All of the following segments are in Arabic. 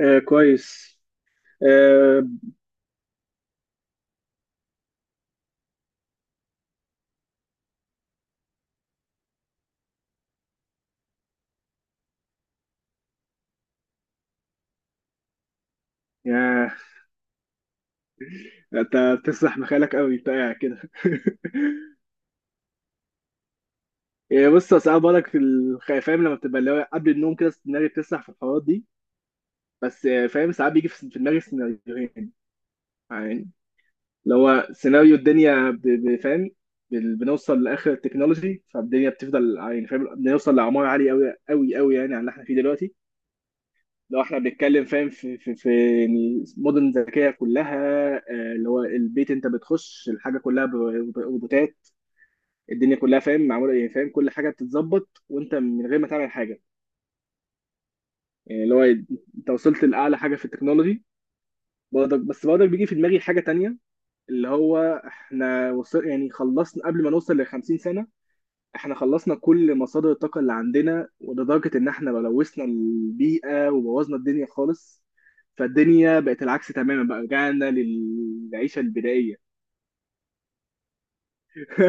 آه كويس. آه. يا انت بتسرح مخيلك قوي انت قاعد كده آه، بص أنا ساعات بقولك فاهم لما بتبقى اللي هو قبل النوم كده دماغي بتسرح في الحوارات دي. بس آه، فاهم ساعات بيجي في دماغي سيناريوهين. يعني اللي هو سيناريو الدنيا فاهم. بنوصل لاخر التكنولوجي فالدنيا بتفضل يعني فاهم بنوصل لاعمار عاليه قوي قوي قوي يعني عن اللي احنا فيه دلوقتي. لو احنا بنتكلم فاهم في يعني مدن ذكيه كلها. آه، اللي هو البيت انت بتخش الحاجه كلها روبوتات. الدنيا كلها فاهم معموله يعني فاهم كل حاجه بتتظبط وانت من غير ما تعمل حاجه. يعني اللي هو انت وصلت لاعلى حاجه في التكنولوجي. برضك بس برضك بيجي في دماغي حاجه تانية. اللي هو احنا وصل يعني خلصنا قبل ما نوصل ل 50 سنه. احنا خلصنا كل مصادر الطاقة اللي عندنا ولدرجة ان احنا لوثنا البيئة وبوظنا الدنيا خالص. فالدنيا بقت العكس تماما بقى رجعنا للعيشة البدائية.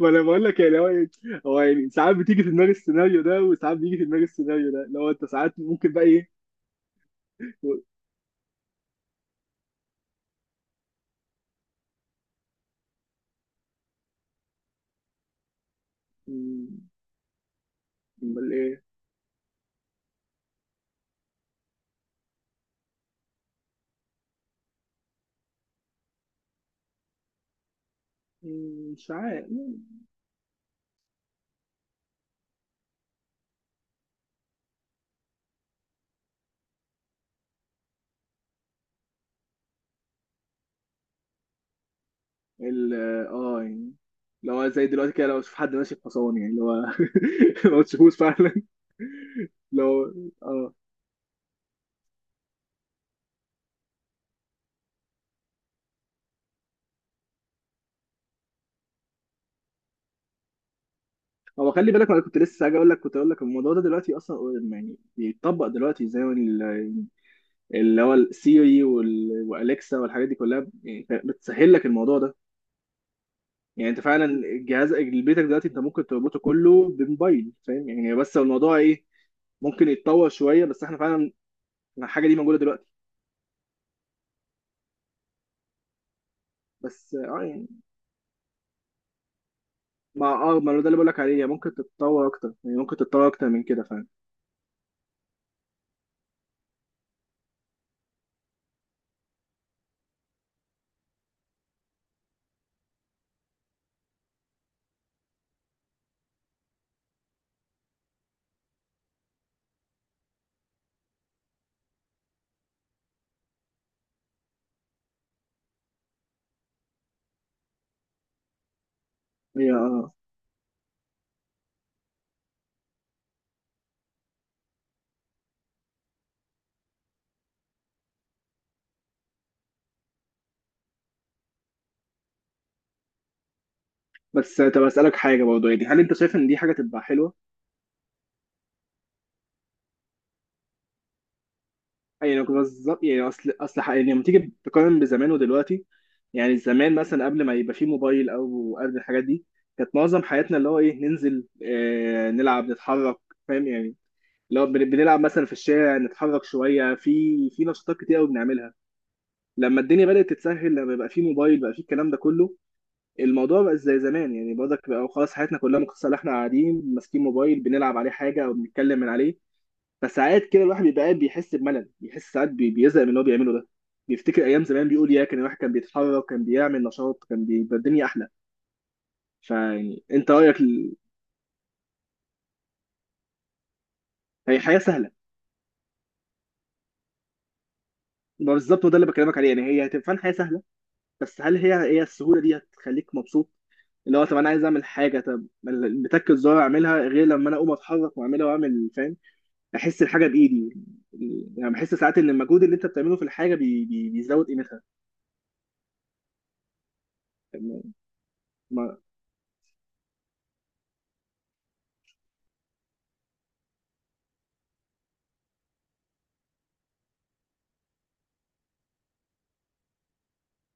وانا بقول لك يعني هو إيه، هو يعني ساعات بتيجي في دماغي السيناريو ده وساعات بيجي في دماغي السيناريو ده لو انت ساعات ممكن بقى ايه. و- م- امال ايه. مش عارف. ال اه يعني لو زي دلوقتي كده لو اشوف حد ماشي بحصان يعني اللي هو ما تشوفوش فعلا. لو اه هو خلي بالك انا كنت لسه هاجي اقول لك كنت اقول لك الموضوع ده دلوقتي اصلا. يعني بيتطبق دلوقتي زي ما اللي هو السيري والاليكسا والحاجات دي كلها يعني بتسهل لك الموضوع ده. يعني انت فعلا جهاز بيتك دلوقتي انت ممكن تربطه كله بموبايل فاهم يعني بس الموضوع ايه. ممكن يتطور شويه بس احنا فعلا الحاجه دي موجوده دلوقتي. بس اه يعني مع اه ما هو ده اللي بقول لك عليه هي ممكن تتطور اكتر يعني ممكن تتطور اكتر من كده فعلا. هي اه. بس طب اسالك حاجه برضه يعني هل انت شايف ان دي حاجه تبقى حلوه. يعني بالظبط يعني اصل يعني لما تيجي تقارن بزمان ودلوقتي. يعني زمان مثلا قبل ما يبقى فيه موبايل او قبل الحاجات دي كانت معظم حياتنا اللي هو ايه ننزل نلعب نتحرك. فاهم يعني. لو بنلعب مثلا في الشارع نتحرك شويه في نشاطات كتير قوي بنعملها. لما الدنيا بدات تتسهل لما بقى فيه موبايل بقى فيه الكلام ده كله الموضوع بقى زي زمان يعني برضك بقى خلاص حياتنا كلها مقتصره على احنا قاعدين ماسكين موبايل بنلعب عليه حاجه او بنتكلم من عليه. فساعات كده الواحد بيبقى قاعد بيحس بملل بيحس ساعات بيزهق من اللي هو بيعمله ده. بيفتكر ايام زمان بيقول يا كان الواحد كان بيتحرك كان بيعمل نشاط كان بيبقى الدنيا احلى. فيعني انت رايك هي حياه سهله. ما بالظبط وده اللي بكلمك عليه يعني هي هتبقى فعلاً حياه سهله. بس هل هي السهوله دي هتخليك مبسوط. اللي هو طب انا عايز اعمل حاجه طب بتك الزرار اعملها غير لما انا اقوم اتحرك واعملها واعمل فاهم. احس الحاجه بايدي. يعني بحس ساعات ان المجهود اللي انت بتعمله في الحاجه بيزود قيمتها. ما...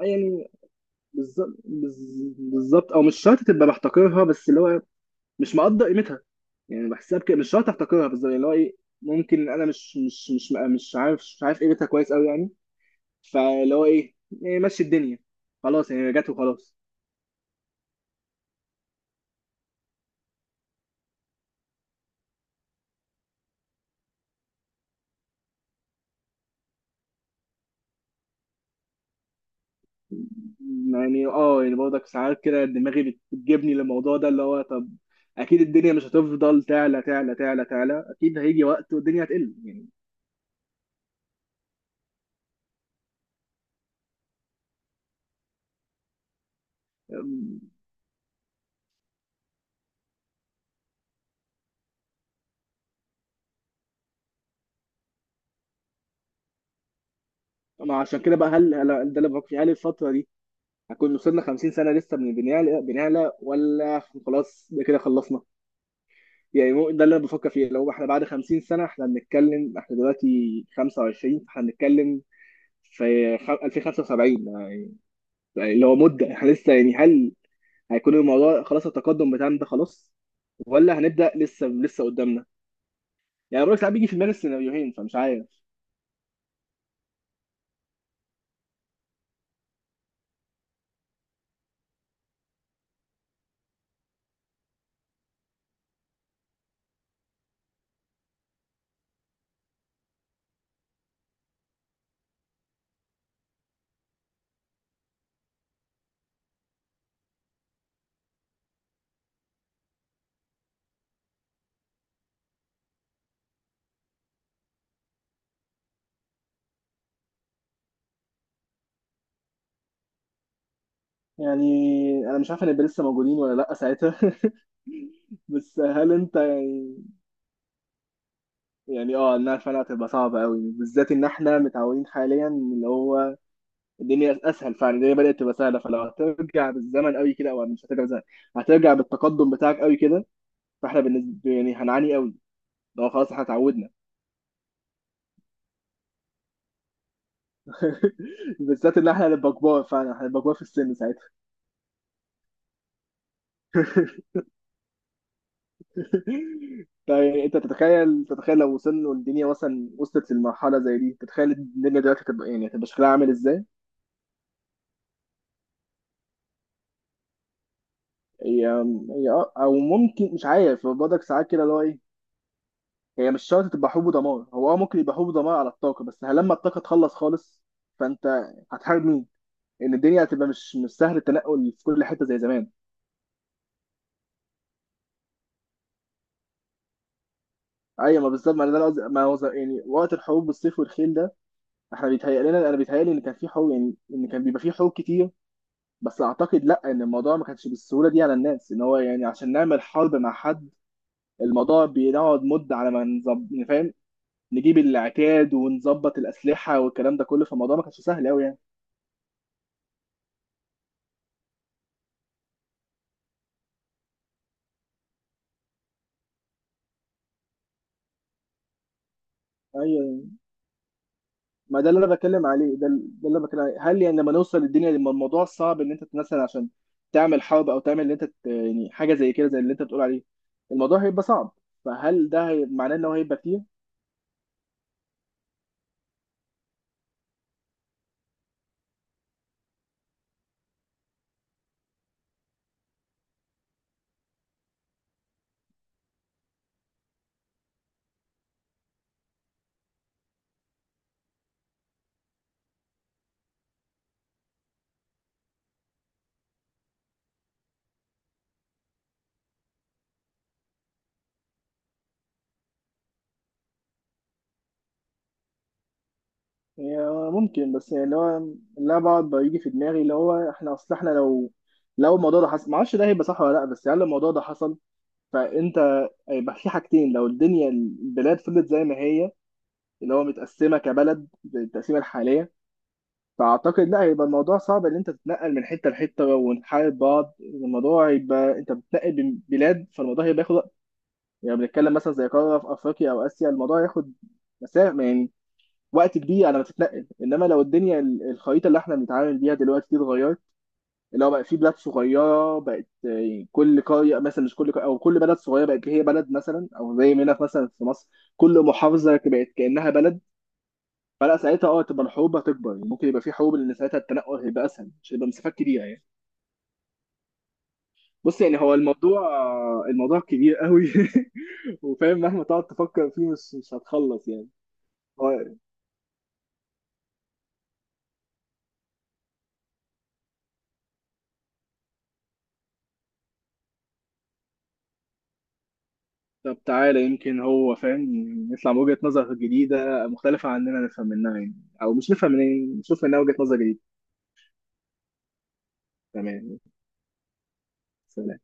يعني بالظبط بالظبط او مش شرط تبقى بحتقرها بس اللي هو مش مقدر قيمتها. يعني بحسها بكده مش شرط احتقرها بالظبط اللي هو ايه. ممكن انا مش عارف قيمتها كويس قوي يعني. فاللي هو ايه. إيه، مشي الدنيا خلاص يعني رجعت وخلاص. يعني اه يعني برضك ساعات كده دماغي بتجيبني للموضوع ده اللي هو طب. اكيد الدنيا مش هتفضل تعلى تعلى تعلى تعلى اكيد هيجي وقت والدنيا هتقل يعني. أم، ما عشان كده بقى ده اللي بفكر فيه هل الفترة دي هكون وصلنا 50 سنة لسه من بنعلى بنعلى ولا خلاص ده كده خلصنا. يعني ده اللي انا بفكر فيه لو احنا بعد 50 سنة احنا بنتكلم احنا دلوقتي 25 احنا بنتكلم في 2075 اللي هو مدة احنا لسه يعني هل هيكون الموضوع خلاص التقدم بتاعنا ده خلاص ولا هنبدأ لسه لسه قدامنا. يعني بقول ساعات بيجي في دماغي السيناريوهين فمش عارف. يعني انا مش عارف هنبقى لسه موجودين ولا لا ساعتها بس هل انت يعني. يعني اه انها فعلا هتبقى صعبه قوي بالذات ان احنا متعودين حاليا إن اللي هو الدنيا اسهل فعلا الدنيا بدات تبقى سهله فلو هترجع بالزمن قوي كده او مش هترجع بالزمن هترجع بالتقدم بتاعك قوي كده. فاحنا بالنسبه يعني هنعاني قوي لو خلاص احنا اتعودنا. بالذات ان احنا هنبقى كبار فعلا هنبقى كبار في السن ساعتها. طيب انت تتخيل تتخيل لو وصلنا الدنيا مثلا وصلت لمرحله زي دي تتخيل الدنيا دلوقتي هتبقى يعني هتبقى شكلها عامل ازاي؟ هي هي او ممكن مش عارف برضك ساعات كده اللي هو ايه. هي مش شرط تبقى حروب ودمار هو اه ممكن يبقى حروب ودمار على الطاقة بس هل لما الطاقة تخلص خالص فانت هتحارب مين؟ ان الدنيا هتبقى مش سهل التنقل في كل حتة زي زمان. ايوه ما بالظبط ما ده اللي ما هو يعني وقت الحروب بالسيف والخيل ده احنا بيتهيأ لنا انا بيتهيألي ان كان في حروب يعني ان كان بيبقى في حروب كتير. بس اعتقد لا ان الموضوع ما كانش بالسهولة دي على الناس ان هو يعني عشان نعمل حرب مع حد الموضوع بنقعد مدة على ما نظبط فاهم نجيب العتاد ونظبط الأسلحة والكلام ده كله فالموضوع ما كانش سهل قوي يعني. ايوه ما ده اللي انا بتكلم عليه ده، اللي انا بتكلم عليه هل يعني لما نوصل للدنيا لما الموضوع صعب ان انت مثلا عشان تعمل حرب او تعمل اللي انت يعني حاجه زي كده زي اللي انت بتقول عليه الموضوع هيبقى صعب. فهل ده معناه ان هو هيبقى كتير؟ هي ممكن بس يعني اللي هو اللي أنا بقعد بيجي في دماغي اللي هو احنا اصل احنا لو الموضوع ده حصل ما اعرفش ده هيبقى صح ولا لا بس هل الموضوع ده حصل فانت هيبقى في حاجتين لو الدنيا البلاد فضلت زي ما هي اللي هو متقسمه كبلد بالتقسيمه الحاليه. فاعتقد لا هيبقى الموضوع صعب ان انت تتنقل من حته لحته ونحارب بعض الموضوع هيبقى انت بتنقل بين بلاد فالموضوع هيبقى ياخد وقت. يعني بنتكلم مثلا زي قاره في افريقيا او اسيا الموضوع هياخد مسافه يعني وقت كبير على ما تتنقل انما لو الدنيا الخريطه اللي احنا بنتعامل بيها دلوقتي دي اتغيرت اللي هو بقى في بلاد صغيره بقت يعني كل قريه مثلا مش كل قرية او كل بلد صغيره بقت هي بلد مثلا او زي ما هنا مثلا في مصر كل محافظه بقت كانها بلد. فلا ساعتها اه تبقى الحروب هتكبر يعني ممكن يبقى في حروب لان ساعتها التنقل هيبقى اسهل مش هيبقى مسافات كبيره يعني. بص يعني هو الموضوع الموضوع كبير قوي وفاهم مهما تقعد تفكر فيه مش هتخلص يعني. هو- طب تعالى يمكن هو فاهم يطلع بوجهة نظر جديدة مختلفة عننا نفهم منها يعني. او مش نفهم منها يعني، نشوف منها وجهة نظر جديدة. تمام. سلام.